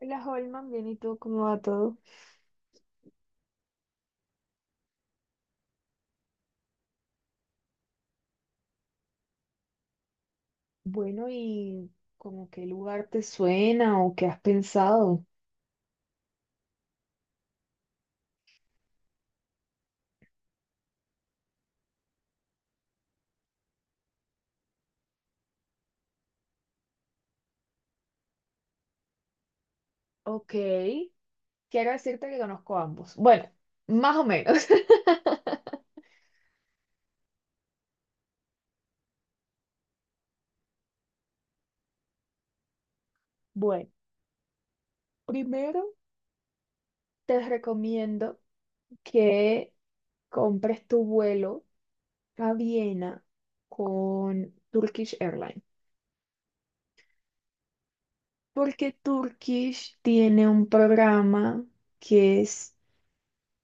Hola Holman, bien, ¿y tú cómo va todo? Bueno, ¿y como qué lugar te suena o qué has pensado? Ok, quiero decirte que conozco ambos. Bueno, más o menos. Bueno, primero te recomiendo que compres tu vuelo a Viena con Turkish Airlines, porque Turkish tiene un programa que es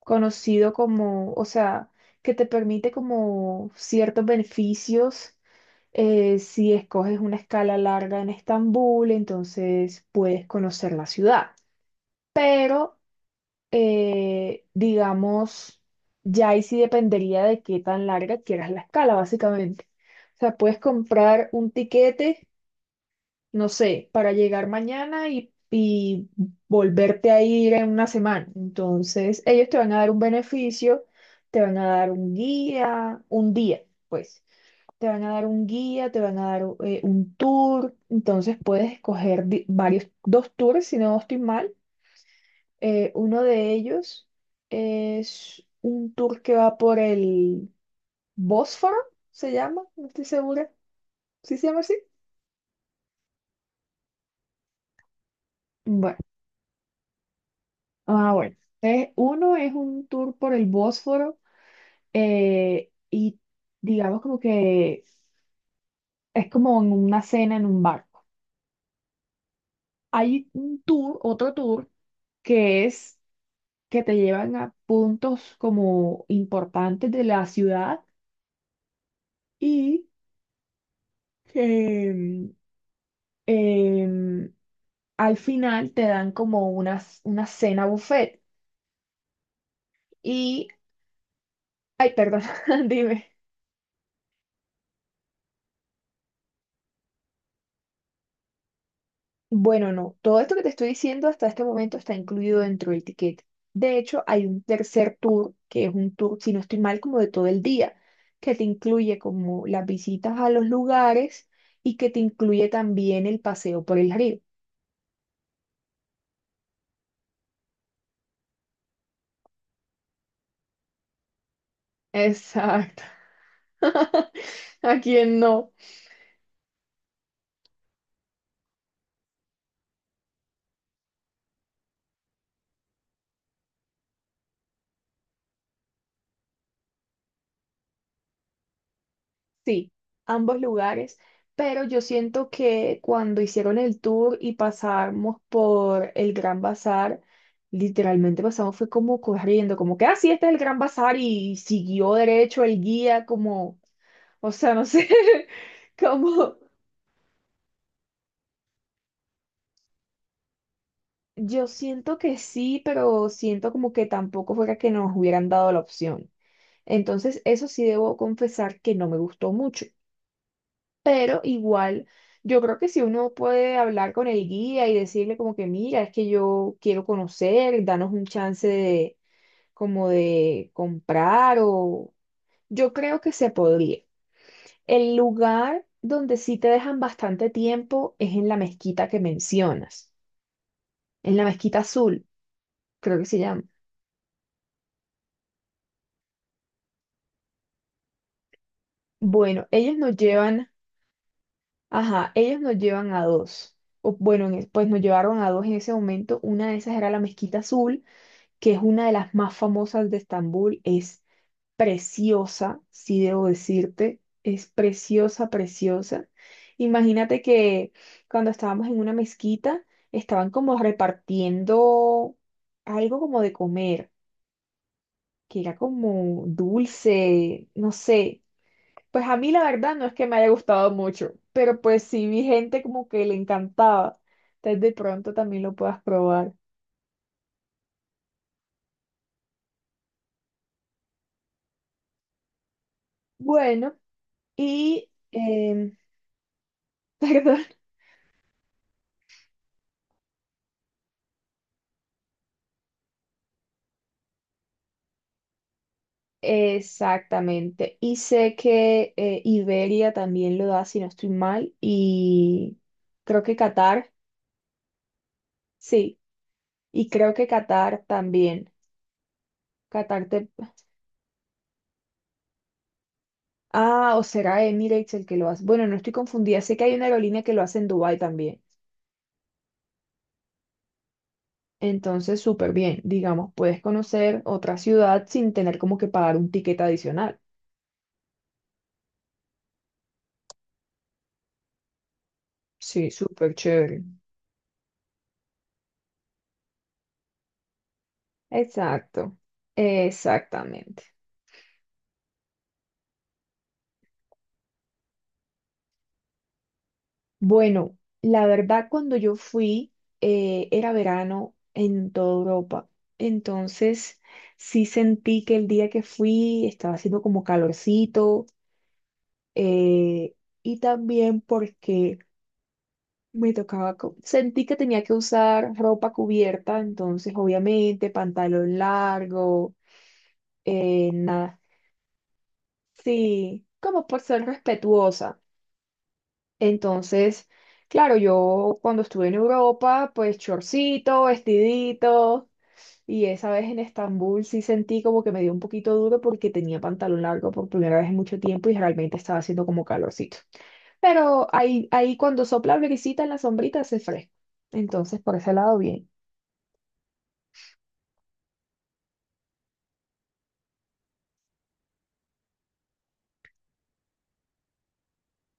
conocido como, o sea, que te permite como ciertos beneficios si escoges una escala larga en Estambul, entonces puedes conocer la ciudad. Pero, digamos, ya ahí sí dependería de qué tan larga quieras la escala, básicamente. O sea, puedes comprar un tiquete no sé, para llegar mañana y, volverte a ir en una semana. Entonces, ellos te van a dar un beneficio, te van a dar un guía, un día, pues. Te van a dar un guía, te van a dar un tour. Entonces, puedes escoger varios, dos tours, si no estoy mal. Uno de ellos es un tour que va por el Bósforo, se llama, no estoy segura. ¿Sí se llama así? Bueno. Ah, bueno. Entonces, uno es un tour por el Bósforo y digamos como que es como en una cena en un barco. Hay un tour, otro tour, que es que te llevan a puntos como importantes de la ciudad y que em, al final te dan como una cena buffet. Y, ay, perdón, dime. Bueno, no, todo esto que te estoy diciendo hasta este momento está incluido dentro del ticket. De hecho, hay un tercer tour, que es un tour, si no estoy mal, como de todo el día, que te incluye como las visitas a los lugares y que te incluye también el paseo por el río. Exacto. ¿A quién no? Sí, ambos lugares, pero yo siento que cuando hicieron el tour y pasamos por el Gran Bazar, literalmente pasamos fue como corriendo, como que así este es el Gran Bazar y siguió derecho el guía como, o sea, no sé, como yo siento que sí, pero siento como que tampoco fuera que nos hubieran dado la opción. Entonces, eso sí debo confesar que no me gustó mucho. Pero igual yo creo que si uno puede hablar con el guía y decirle como que mira, es que yo quiero conocer, danos un chance de como de comprar o yo creo que se podría. El lugar donde sí te dejan bastante tiempo es en la mezquita que mencionas, en la mezquita azul, creo que se llama. Bueno, ellos nos llevan, ajá, ellos nos llevan a dos. O, bueno, pues nos llevaron a dos en ese momento. Una de esas era la mezquita azul que es una de las más famosas de Estambul, es preciosa, si debo decirte, es preciosa, preciosa. Imagínate que cuando estábamos en una mezquita, estaban como repartiendo algo como de comer, que era como dulce, no sé. Pues a mí la verdad no es que me haya gustado mucho, pero pues sí vi gente como que le encantaba. Entonces de pronto también lo puedas probar. Bueno, y, perdón. Exactamente. Y sé que Iberia también lo da, si no estoy mal, y creo que Qatar, sí, y creo que Qatar también. Qatar te... Ah, o será Emirates el que lo hace. Bueno, no estoy confundida, sé que hay una aerolínea que lo hace en Dubái también. Entonces, súper bien, digamos, puedes conocer otra ciudad sin tener como que pagar un ticket adicional. Sí, súper chévere. Exacto, exactamente. Bueno, la verdad cuando yo fui era verano en toda Europa, entonces sí sentí que el día que fui estaba haciendo como calorcito eh, y también porque me tocaba, sentí que tenía que usar ropa cubierta, entonces obviamente pantalón largo, nada, sí, como por ser respetuosa. Entonces, claro, yo cuando estuve en Europa, pues chorcito, vestidito, y esa vez en Estambul sí sentí como que me dio un poquito duro porque tenía pantalón largo por primera vez en mucho tiempo y realmente estaba haciendo como calorcito. Pero ahí, ahí cuando sopla brisita en la sombrita hace fresco. Entonces, por ese lado, bien.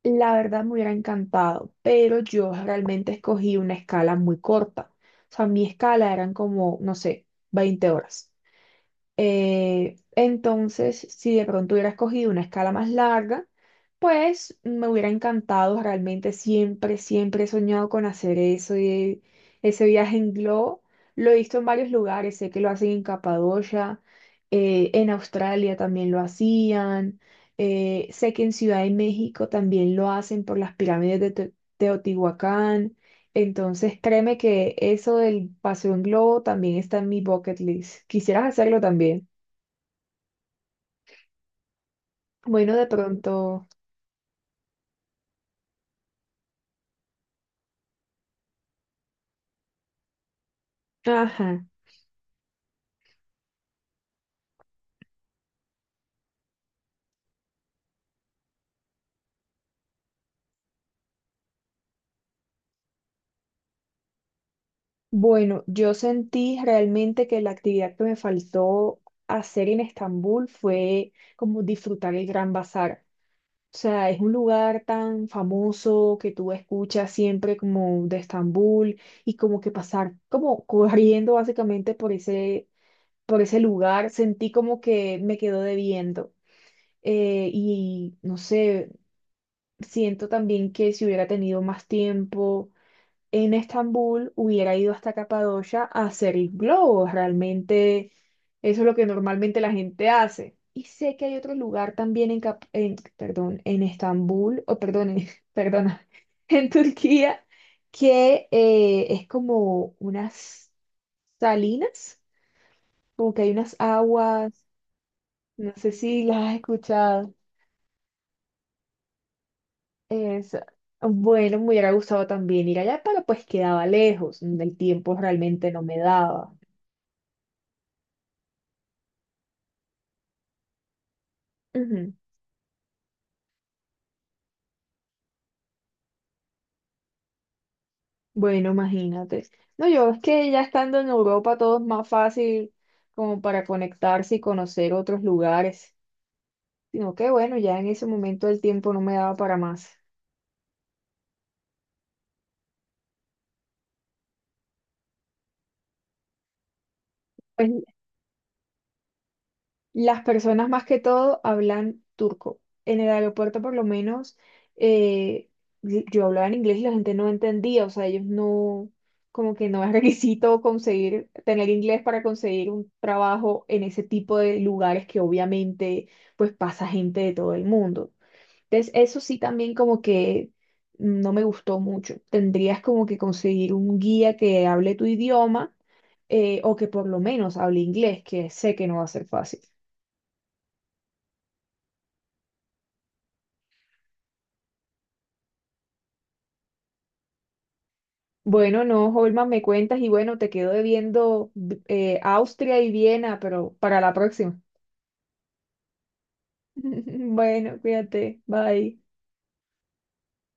La verdad me hubiera encantado, pero yo realmente escogí una escala muy corta. O sea, mi escala eran como, no sé, 20 horas. Entonces, si de pronto hubiera escogido una escala más larga, pues me hubiera encantado, realmente siempre, siempre he soñado con hacer eso, y ese viaje en globo. Lo he visto en varios lugares, sé que lo hacen en Capadocia, en Australia también lo hacían, sé que en Ciudad de México también lo hacen por las pirámides de Teotihuacán. Entonces, créeme que eso del paseo en globo también está en mi bucket list. ¿Quisieras hacerlo también? Bueno, de pronto, ajá. Bueno, yo sentí realmente que la actividad que me faltó hacer en Estambul fue como disfrutar el Gran Bazar. O sea, es un lugar tan famoso que tú escuchas siempre como de Estambul y como que pasar como corriendo básicamente por ese lugar, sentí como que me quedó debiendo. Y no sé, siento también que si hubiera tenido más tiempo en Estambul hubiera ido hasta Capadocia a hacer globos. Realmente eso es lo que normalmente la gente hace. Y sé que hay otro lugar también en, perdón, en Estambul, o perdón, perdona, en Turquía, que es como unas salinas, como que hay unas aguas, no sé si las has escuchado. Es, bueno, me hubiera gustado también ir allá, pero pues quedaba lejos, el tiempo realmente no me daba. Ujú. Bueno, imagínate. No, yo es que ya estando en Europa todo es más fácil como para conectarse y conocer otros lugares, sino que bueno, ya en ese momento el tiempo no me daba para más. Pues las personas más que todo hablan turco. En el aeropuerto por lo menos eh, yo hablaba en inglés y la gente no entendía, o sea, ellos no, como que no es requisito conseguir, tener inglés para conseguir un trabajo en ese tipo de lugares que obviamente pues pasa gente de todo el mundo. Entonces, eso sí también como que no me gustó mucho. Tendrías como que conseguir un guía que hable tu idioma o que por lo menos hable inglés, que sé que no va a ser fácil. Bueno, no, Holman, me cuentas y bueno, te quedo debiendo Austria y Viena, pero para la próxima. Bueno, cuídate, bye.